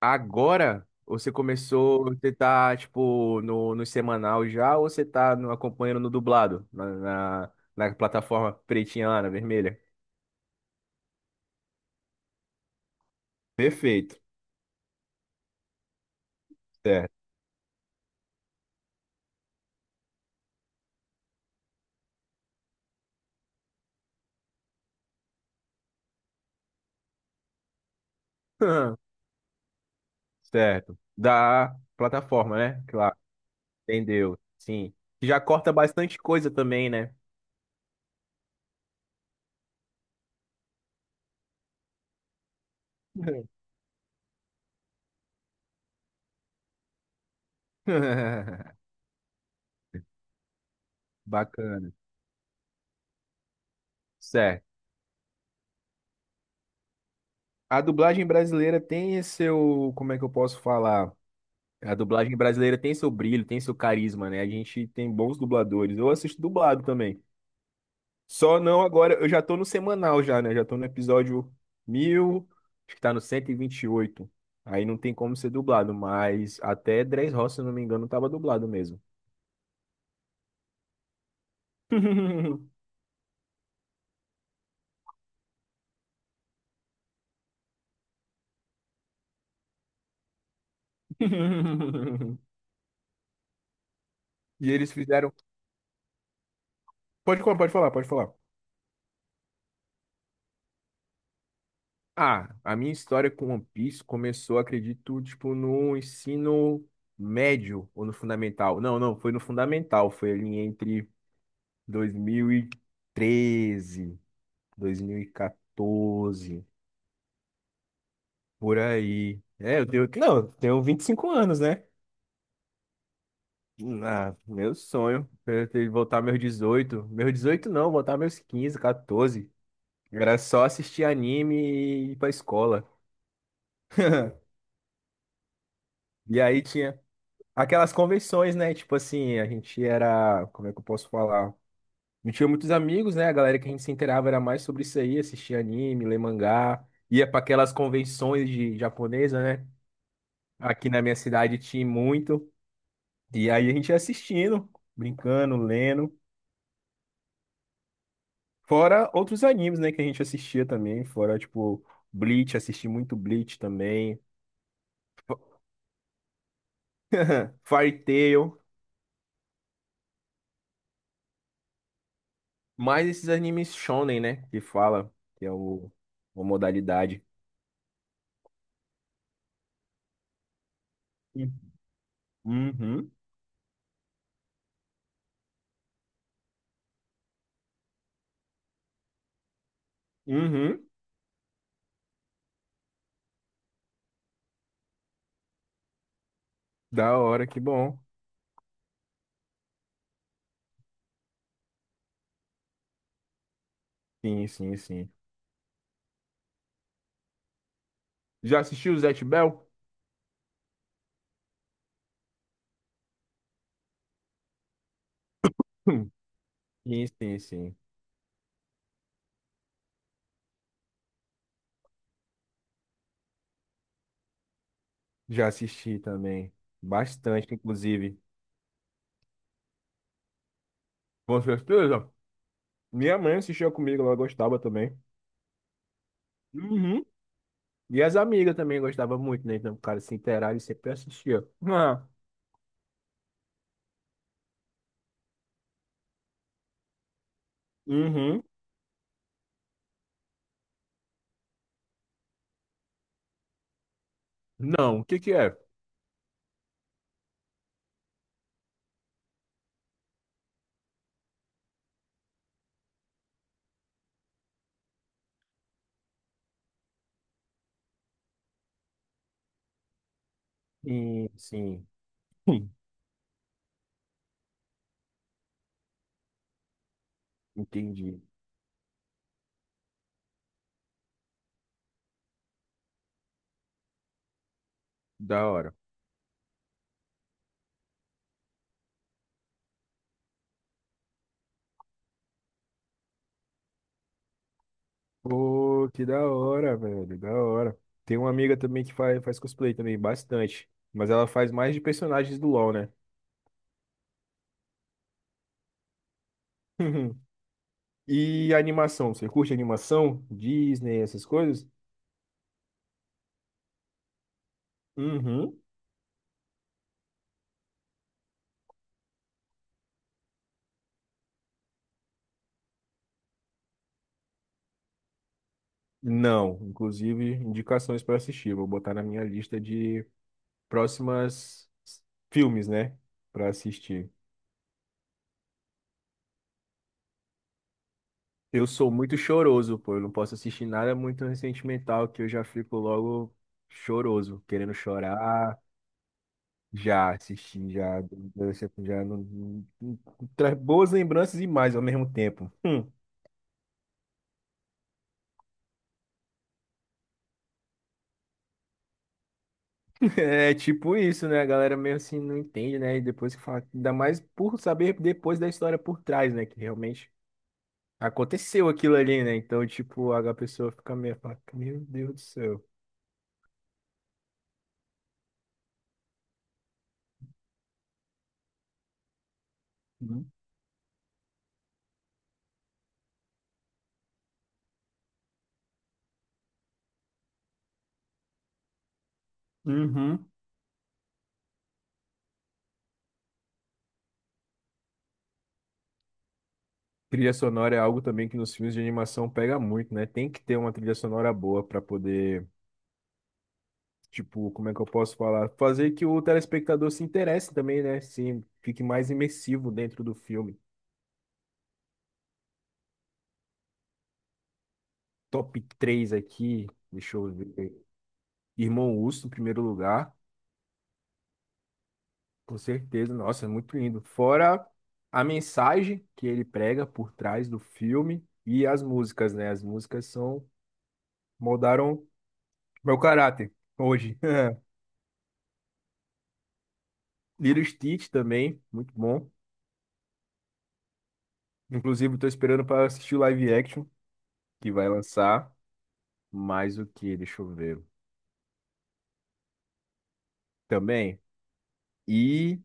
Agora, ou você começou, você tá, tipo, no semanal já, ou você tá acompanhando no dublado, na plataforma pretinha lá, na vermelha? Perfeito. Certo. Certo. Da plataforma, né? Claro. Entendeu. Sim. Que já corta bastante coisa também, né? Bacana. Certo. A dublagem brasileira tem esse seu, como é que eu posso falar? A dublagem brasileira tem seu brilho, tem seu carisma, né? A gente tem bons dubladores. Eu assisto dublado também. Só não agora, eu já tô no semanal já, né? Já tô no episódio 1.000, acho que tá no cento e vinte e oito. Aí não tem como ser dublado, mas até Dres Roça, se não me engano, tava dublado mesmo. E eles fizeram. Pode falar, pode falar, pode falar. Ah, a minha história com One Piece começou, acredito, tipo, no ensino médio ou no fundamental. Não, não, foi no fundamental, foi ali entre 2013, 2014, por aí. É, eu tenho, não, eu tenho 25 anos, né? Ah, meu sonho era ter voltar meus 18. Meus 18 não, voltar meus 15, 14. Era só assistir anime e ir pra escola. E aí tinha aquelas convenções, né? Tipo assim, a gente era. Como é que eu posso falar? Não tinha muitos amigos, né? A galera que a gente se inteirava era mais sobre isso aí, assistia anime, lê mangá, ia para aquelas convenções de japonesa, né? Aqui na minha cidade tinha muito. E aí a gente ia assistindo, brincando, lendo. Fora outros animes, né? Que a gente assistia também. Fora, tipo, Bleach, assisti muito Bleach também. Fairy Tail. Mais esses animes shonen, né? Que fala, que é o, uma modalidade. Uhum, uhum. Da hora, que bom. Sim, sim, sim. Já assistiu o Zatch Bell? Hum. Sim, sim, sim. Já assisti também. Bastante, inclusive. Com certeza. Minha mãe assistia comigo, ela gostava também. Uhum. E as amigas também gostavam muito, né? Então, o cara se inteirava e sempre assistia. Ah. Uhum. Não, o que que é? Sim, sim. Hum. Entendi. Da hora. Pô, que da hora, velho, da hora. Tem uma amiga também que faz cosplay também, bastante. Mas ela faz mais de personagens do LoL, né? E animação, você curte animação? Disney, essas coisas? Uhum. Não, inclusive indicações para assistir. Vou botar na minha lista de próximas filmes, né? Para assistir. Eu sou muito choroso, pô. Eu não posso assistir nada muito sentimental que eu já fico logo choroso, querendo chorar. Já assisti, já, já não, traz boas lembranças e mais ao mesmo tempo. Hum. É tipo isso, né? A galera meio assim não entende, né? E depois que fala, ainda mais por saber depois da história por trás, né? Que realmente aconteceu aquilo ali, né? Então, tipo, a pessoa fica meio, fala, meu Deus do céu. Hum. Uhum. Trilha sonora é algo também que nos filmes de animação pega muito, né? Tem que ter uma trilha sonora boa para poder. Tipo, como é que eu posso falar? Fazer que o telespectador se interesse também, né? Sim, fique mais imersivo dentro do filme. Top 3 aqui, deixa eu ver. Irmão Urso, em primeiro lugar, com certeza. Nossa, é muito lindo. Fora a mensagem que ele prega por trás do filme e as músicas, né? As músicas são moldaram meu caráter hoje. Lilo Stitch também, muito bom. Inclusive, tô esperando para assistir o live action que vai lançar. Mais o que? Deixa eu ver. Também. E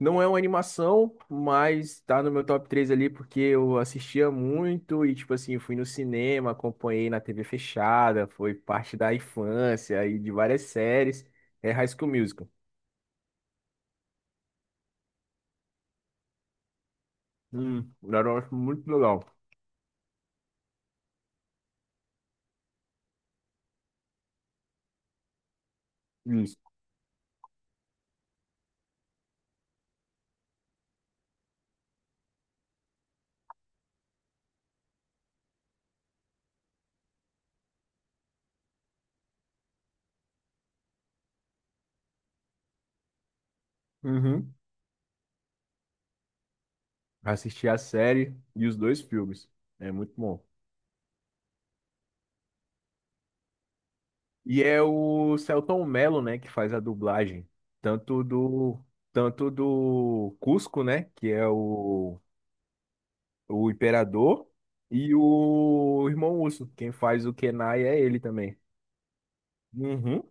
não é uma animação, mas tá no meu top 3 ali porque eu assistia muito e, tipo assim, fui no cinema, acompanhei na TV fechada, foi parte da infância e de várias séries. É High School Musical. Era muito legal. Isso. Uhum. Assisti a série e os dois filmes. É muito bom. E é o Selton Mello, né, que faz a dublagem, tanto do tanto do Cusco, né, que é o Imperador e o Irmão Urso. Quem faz o Kenai é ele também. Uhum.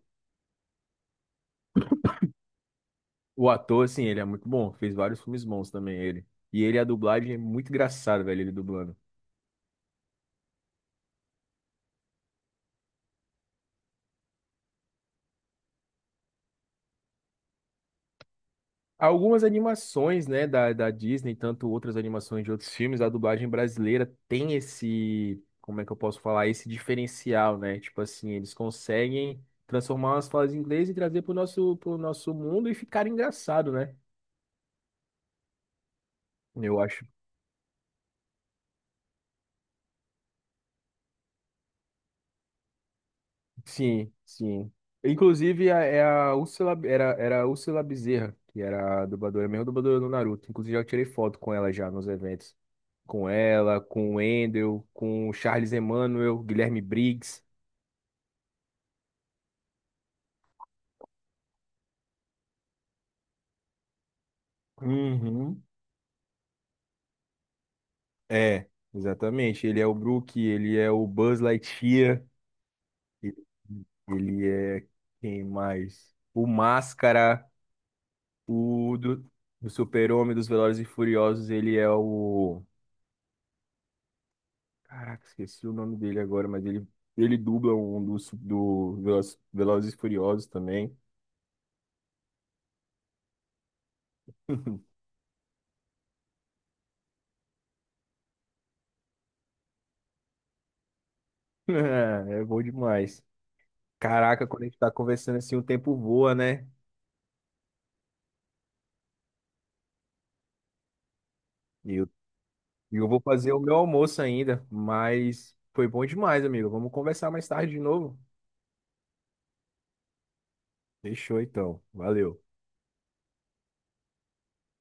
O ator, assim, ele é muito bom. Fez vários filmes bons também, ele. E ele, a dublagem é muito engraçado, velho, ele dublando. Algumas animações, né, da Disney, tanto outras animações de outros filmes, a dublagem brasileira tem esse, como é que eu posso falar, esse diferencial, né? Tipo assim, eles conseguem transformar umas falas em inglês e trazer pro nosso mundo e ficar engraçado, né? Eu acho. Sim, sim. Inclusive, é a Úrsula, era a Úrsula Bezerra, que era a dubladora, a mesma dubladora do Naruto. Inclusive, eu tirei foto com ela já nos eventos. Com ela, com o Wendel, com o Charles Emmanuel, Guilherme Briggs. Uhum. É, exatamente. Ele é o Brook, ele é o Buzz Lightyear, e- ele é quem mais? O Máscara, o do Super-Homem dos Velozes e Furiosos, ele é o. Caraca, esqueci o nome dele agora, mas ele dubla um dos do Velozes e Furiosos também. É bom demais. Caraca, quando a gente tá conversando assim, o tempo voa, né? E eu, e eu vou fazer o meu almoço ainda, mas foi bom demais, amigo. Vamos conversar mais tarde de novo? Fechou então. Valeu.